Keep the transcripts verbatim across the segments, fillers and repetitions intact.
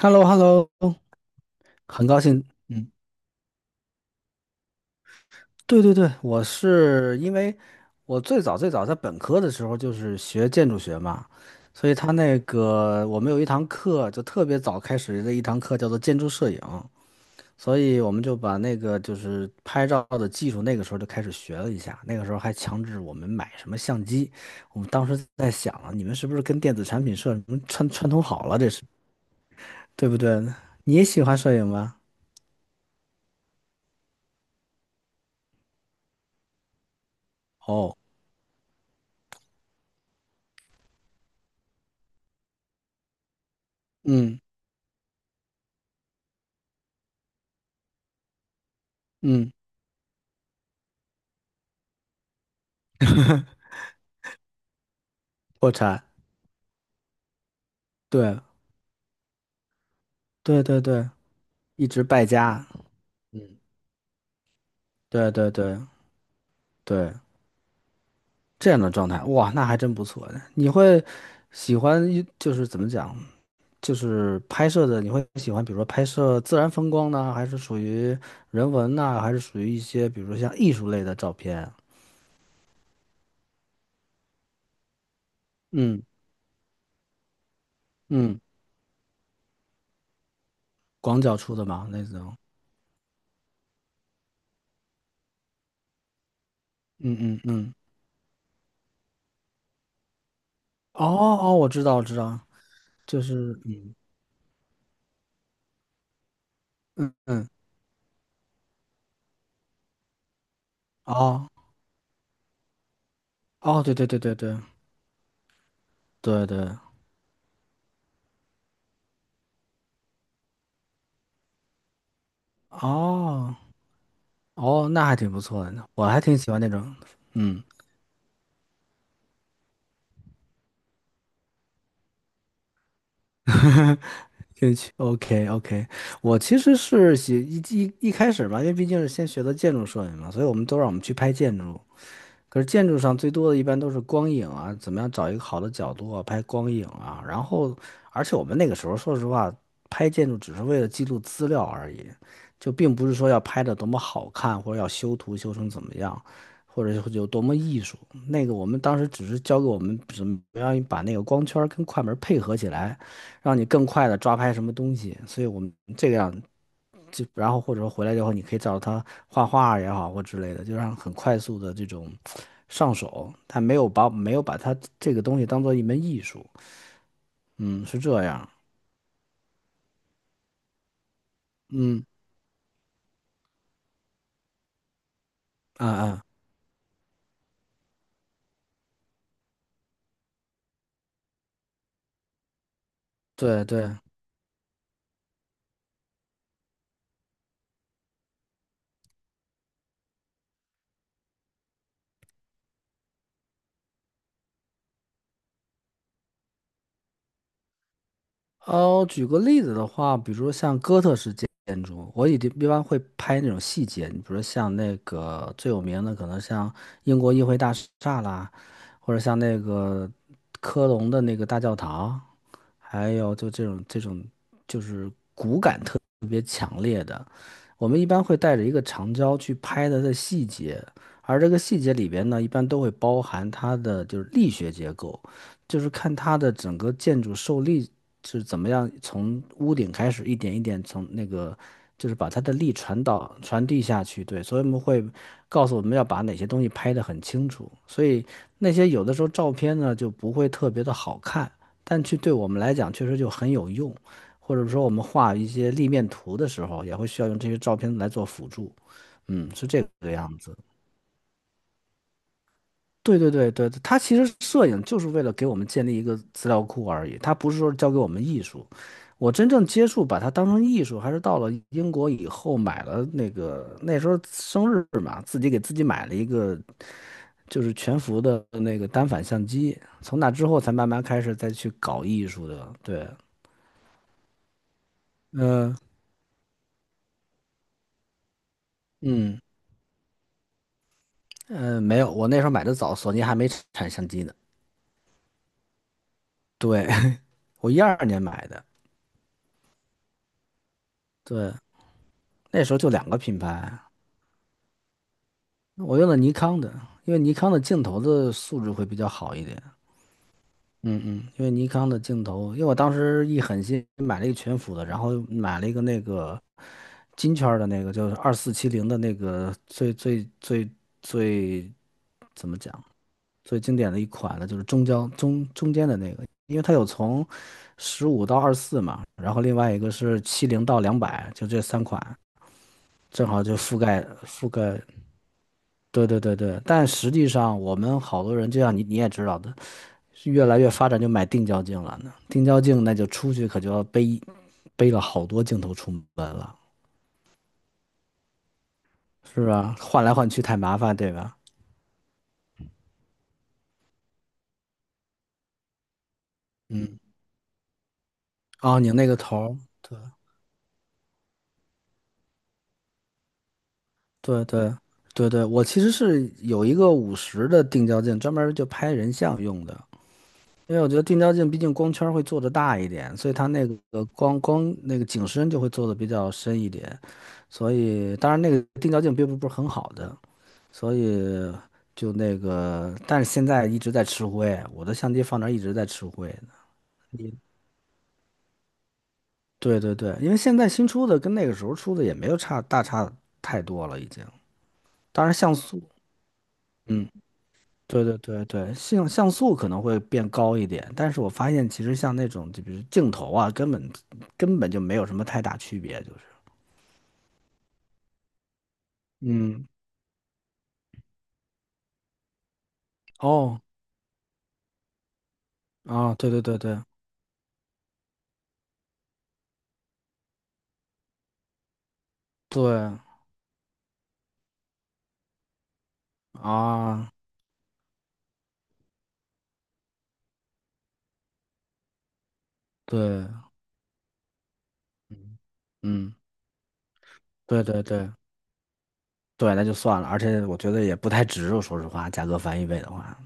h e l l o h e l l o 很高兴。嗯。对对对，我是因为我最早最早在本科的时候就是学建筑学嘛，所以他那个我们有一堂课就特别早开始的一堂课叫做建筑摄影，所以我们就把那个就是拍照的技术那个时候就开始学了一下，那个时候还强制我们买什么相机，我们当时在想啊，你们是不是跟电子产品社什么串串通好了这是，对不对？你也喜欢摄影吗？哦。嗯嗯。破产。对对对对。一直败家。嗯。对对对对，这样的状态。哇，那还真不错呢。你会喜欢一就是怎么讲，就是拍摄的，你会喜欢，比如说拍摄自然风光呢，还是属于人文呢，还是属于一些，比如说像艺术类的照片？嗯嗯。广角出的嘛，那种。嗯嗯嗯。哦哦，我知道我知道。就是嗯嗯嗯。哦哦。对对对对对对对。哦。哦，那还挺不错的呢，我还挺喜欢那种。嗯。兴趣，OK OK。我其实是喜一一一开始嘛，因为毕竟是先学的建筑摄影嘛，所以我们都让我们去拍建筑。可是建筑上最多的一般都是光影啊，怎么样找一个好的角度啊，拍光影啊。然后，而且我们那个时候说实话，拍建筑只是为了记录资料而已，就并不是说要拍的多么好看，或者要修图修成怎么样，或者有多么艺术。那个我们当时只是教给我们怎么样把那个光圈儿跟快门儿配合起来，让你更快的抓拍什么东西。所以我们这个样，就然后或者说回来以后，你可以找他画画也好或之类的，就让很快速的这种上手。他没有把没有把他这个东西当做一门艺术。嗯，是这样。嗯啊啊。对对哦，举个例子的话，比如说像哥特式建建筑，我一定一般会拍那种细节，你比如说像那个最有名的，可能像英国议会大厦啦，或者像那个科隆的那个大教堂，还有就这种这种就是我们一般会带着一个长焦去拍它的细节，而这个细节里边呢，一般都会包含它的就是力学结构，就是看它的整个建筑受力是怎么样，从屋顶开始一点一点从那个就是把它的力传导传递下去。对，所以我们会告诉我们要把哪些东西拍得很清楚，所以那些有的时候照片呢就不会特别的好看，但去对我们来讲确实就很有用。或者说我们画一些立面图的时候，也会需要用这些照片来做辅助。嗯，是这个样子。对对对对，它其实摄影就是为了给我们建立一个资料库而已，它不是说教给我们艺术。我真正接触把它当成艺术，还是到了英国以后买了那个那时候生日嘛，自己给自己买了一个就是全幅的那个单反相机，从那之后才慢慢开始再去搞艺术的。对。嗯嗯。嗯，没有，我那时候买的早，索尼还没产相机呢。对。我一二年买的。对，那时候就两个品牌。我用的尼康的，因为尼康的镜头的素质会比较好一点。嗯嗯，因为尼康的镜头，因为我当时一狠心买了一个全幅的，然后买了一个那个金圈儿的那个，就是二四七零的那个最最最最怎么讲？最经典的一款呢，就是中焦中中间的那个，因为它有从十五到二十四嘛，然后另外一个是七零到两百，就这三款，正好就覆盖覆盖。对对对对，但实际上我们好多人，就像你你也知道的，是越来越发展就买定焦镜了呢。定焦镜那就出去可就要背背了好多镜头出门了，是吧？换来换去太麻烦，对吧？哦，拧那个头儿。对对对对，我其实是有一个五十的定焦镜，专门儿就拍人像用的。因为我觉得定焦镜毕竟光圈儿会做的大一点，所以它那个光光那个景深就会做的比较深一点。所以当然那个定焦镜并不不是很好的，所以就那个，但是现在一直在吃灰，我的相机放那儿一直在吃灰呢。你对对对，因为现在新出的跟那个时候出的也没有差大差太多了，已经。当然像素。嗯。对对对对，像像素可能会变高一点，但是我发现其实像那种就比如镜头啊，根本根本就没有什么太大区别，就是，嗯。哦。啊，对对对对对啊。对。嗯。对对对对，那就算了，而且我觉得也不太值，我说实话，价格翻一倍的话。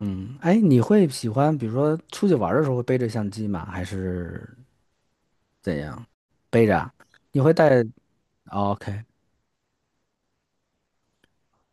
嗯。哎，你会喜欢比如说出去玩儿的时候会背着相机吗？还是怎样？背着啊你会带哦？OK。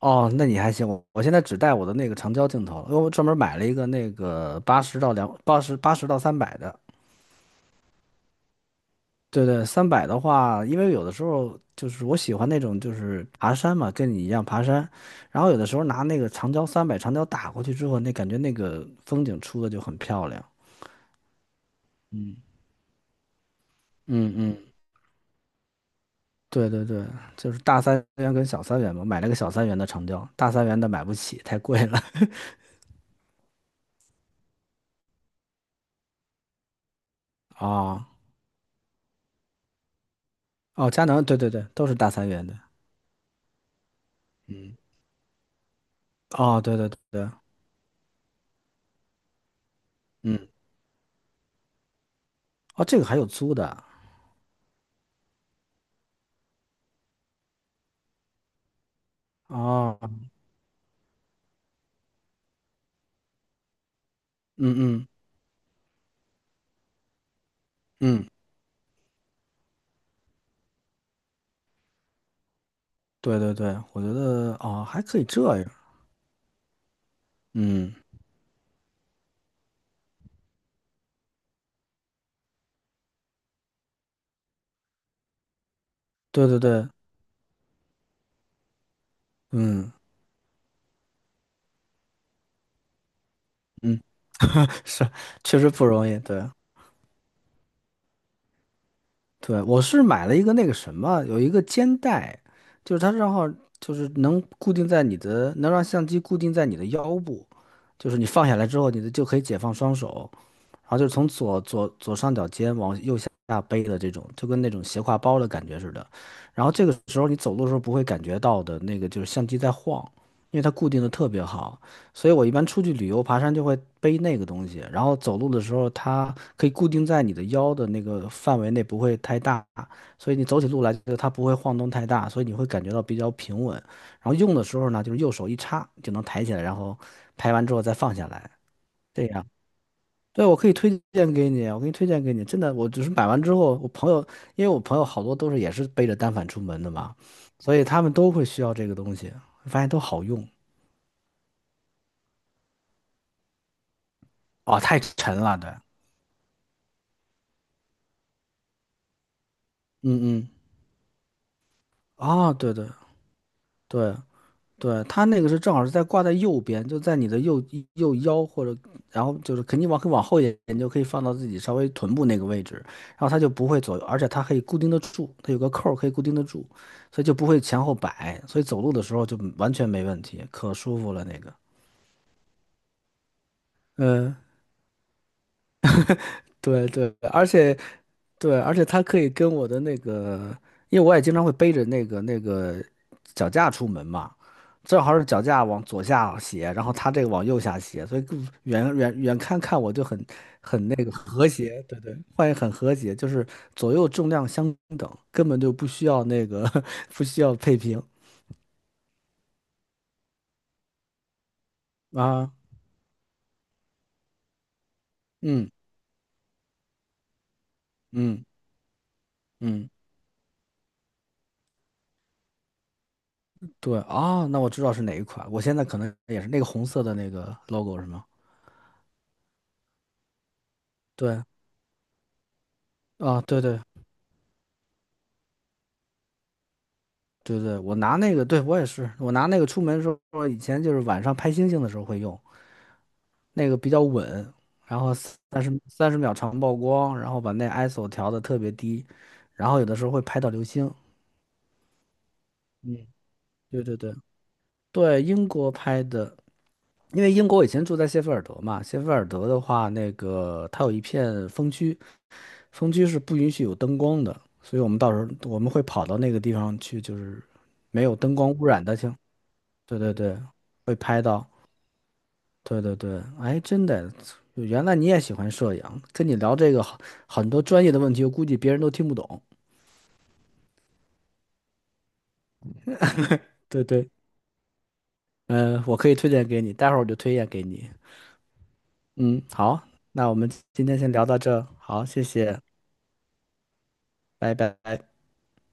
哦，那你还行，我我现在只带我的那个长焦镜头了因为我专门买了一个那个八十到两八十八十到三百的。对对，三百的话，因为有的时候就是我喜欢那种就是爬山嘛，跟你一样爬山，然后有的时候拿那个长焦三百长焦打过去之后，那感觉那个风景出的就很漂亮。嗯嗯。对对对，就是大三元跟小三元嘛，买了个小三元的长焦，大三元的买不起，太贵了。哦哦，佳能，对对对，都是大三元的。嗯。哦，对对对。嗯。哦，这个还有租的啊。哦嗯嗯嗯。对对对，我觉得哦还可以这样。嗯。对对对。嗯嗯。是确实不容易。对对，我是买了一个那个什么，有一个肩带，就是它正好就是能固定在你的，能让相机固定在你的腰部，就是你放下来之后，你的就可以解放双手，然后就是从左左左上角肩往右下背的这种，就跟那种斜挎包的感觉似的。然后这个时候你走路的时候不会感觉到的那个就是相机在晃，因为它固定的特别好。所以我一般出去旅游爬山就会背那个东西，然后走路的时候它可以固定在你的腰的那个范围内，不会太大，所以你走起路来就它不会晃动太大，所以你会感觉到比较平稳。然后用的时候呢，就是右手一插就能抬起来，然后拍完之后再放下来，这样。对，我可以推荐给你，我给你推荐给你。真的，我只是买完之后，我朋友，因为我朋友好多都是也是背着单反出门的嘛，所以他们都会需要这个东西，发现都好用。哦，太沉了，对。嗯嗯。啊，对对对。对，它那个是正好是在挂在右边，就在你的右右腰或者，然后就是肯定往可以往后一点，你就可以放到自己稍微臀部那个位置，然后它就不会左右，而且它可以固定得住，它有个扣儿可以固定得住，所以就不会前后摆，所以走路的时候就完全没问题，可舒服了那个。嗯，对对，而且对，而且它可以跟我的那个，因为我也经常会背着那个那个脚架出门嘛，正好是脚架往左下斜，然后它这个往右下斜，所以更远远远看看我就很很那个和谐，对对，换也很和谐，就是左右重量相等，根本就不需要那个 不需要配平啊。嗯嗯嗯。对啊，那我知道是哪一款，我现在可能也是那个红色的那个 logo 是吗？对。啊，对对对对，我拿那个，对，我也是，我拿那个出门的时候，以前就是晚上拍星星的时候会用，那个比较稳，然后三十三十秒长曝光，然后把那 I S O 调的特别低，然后有的时候会拍到流星。嗯。对对对对，英国拍的，因为英国我以前住在谢菲尔德嘛，谢菲尔德的话，那个它有一片风区，风区是不允许有灯光的，所以我们到时候我们会跑到那个地方去，就是没有灯光污染的情对对对，会拍到，对对对，哎，真的，原来你也喜欢摄影，跟你聊这个好很多专业的问题，我估计别人都听不懂。对对。嗯、我可以推荐给你，待会儿我就推荐给你。嗯，好，那我们今天先聊到这儿好，谢谢。拜拜。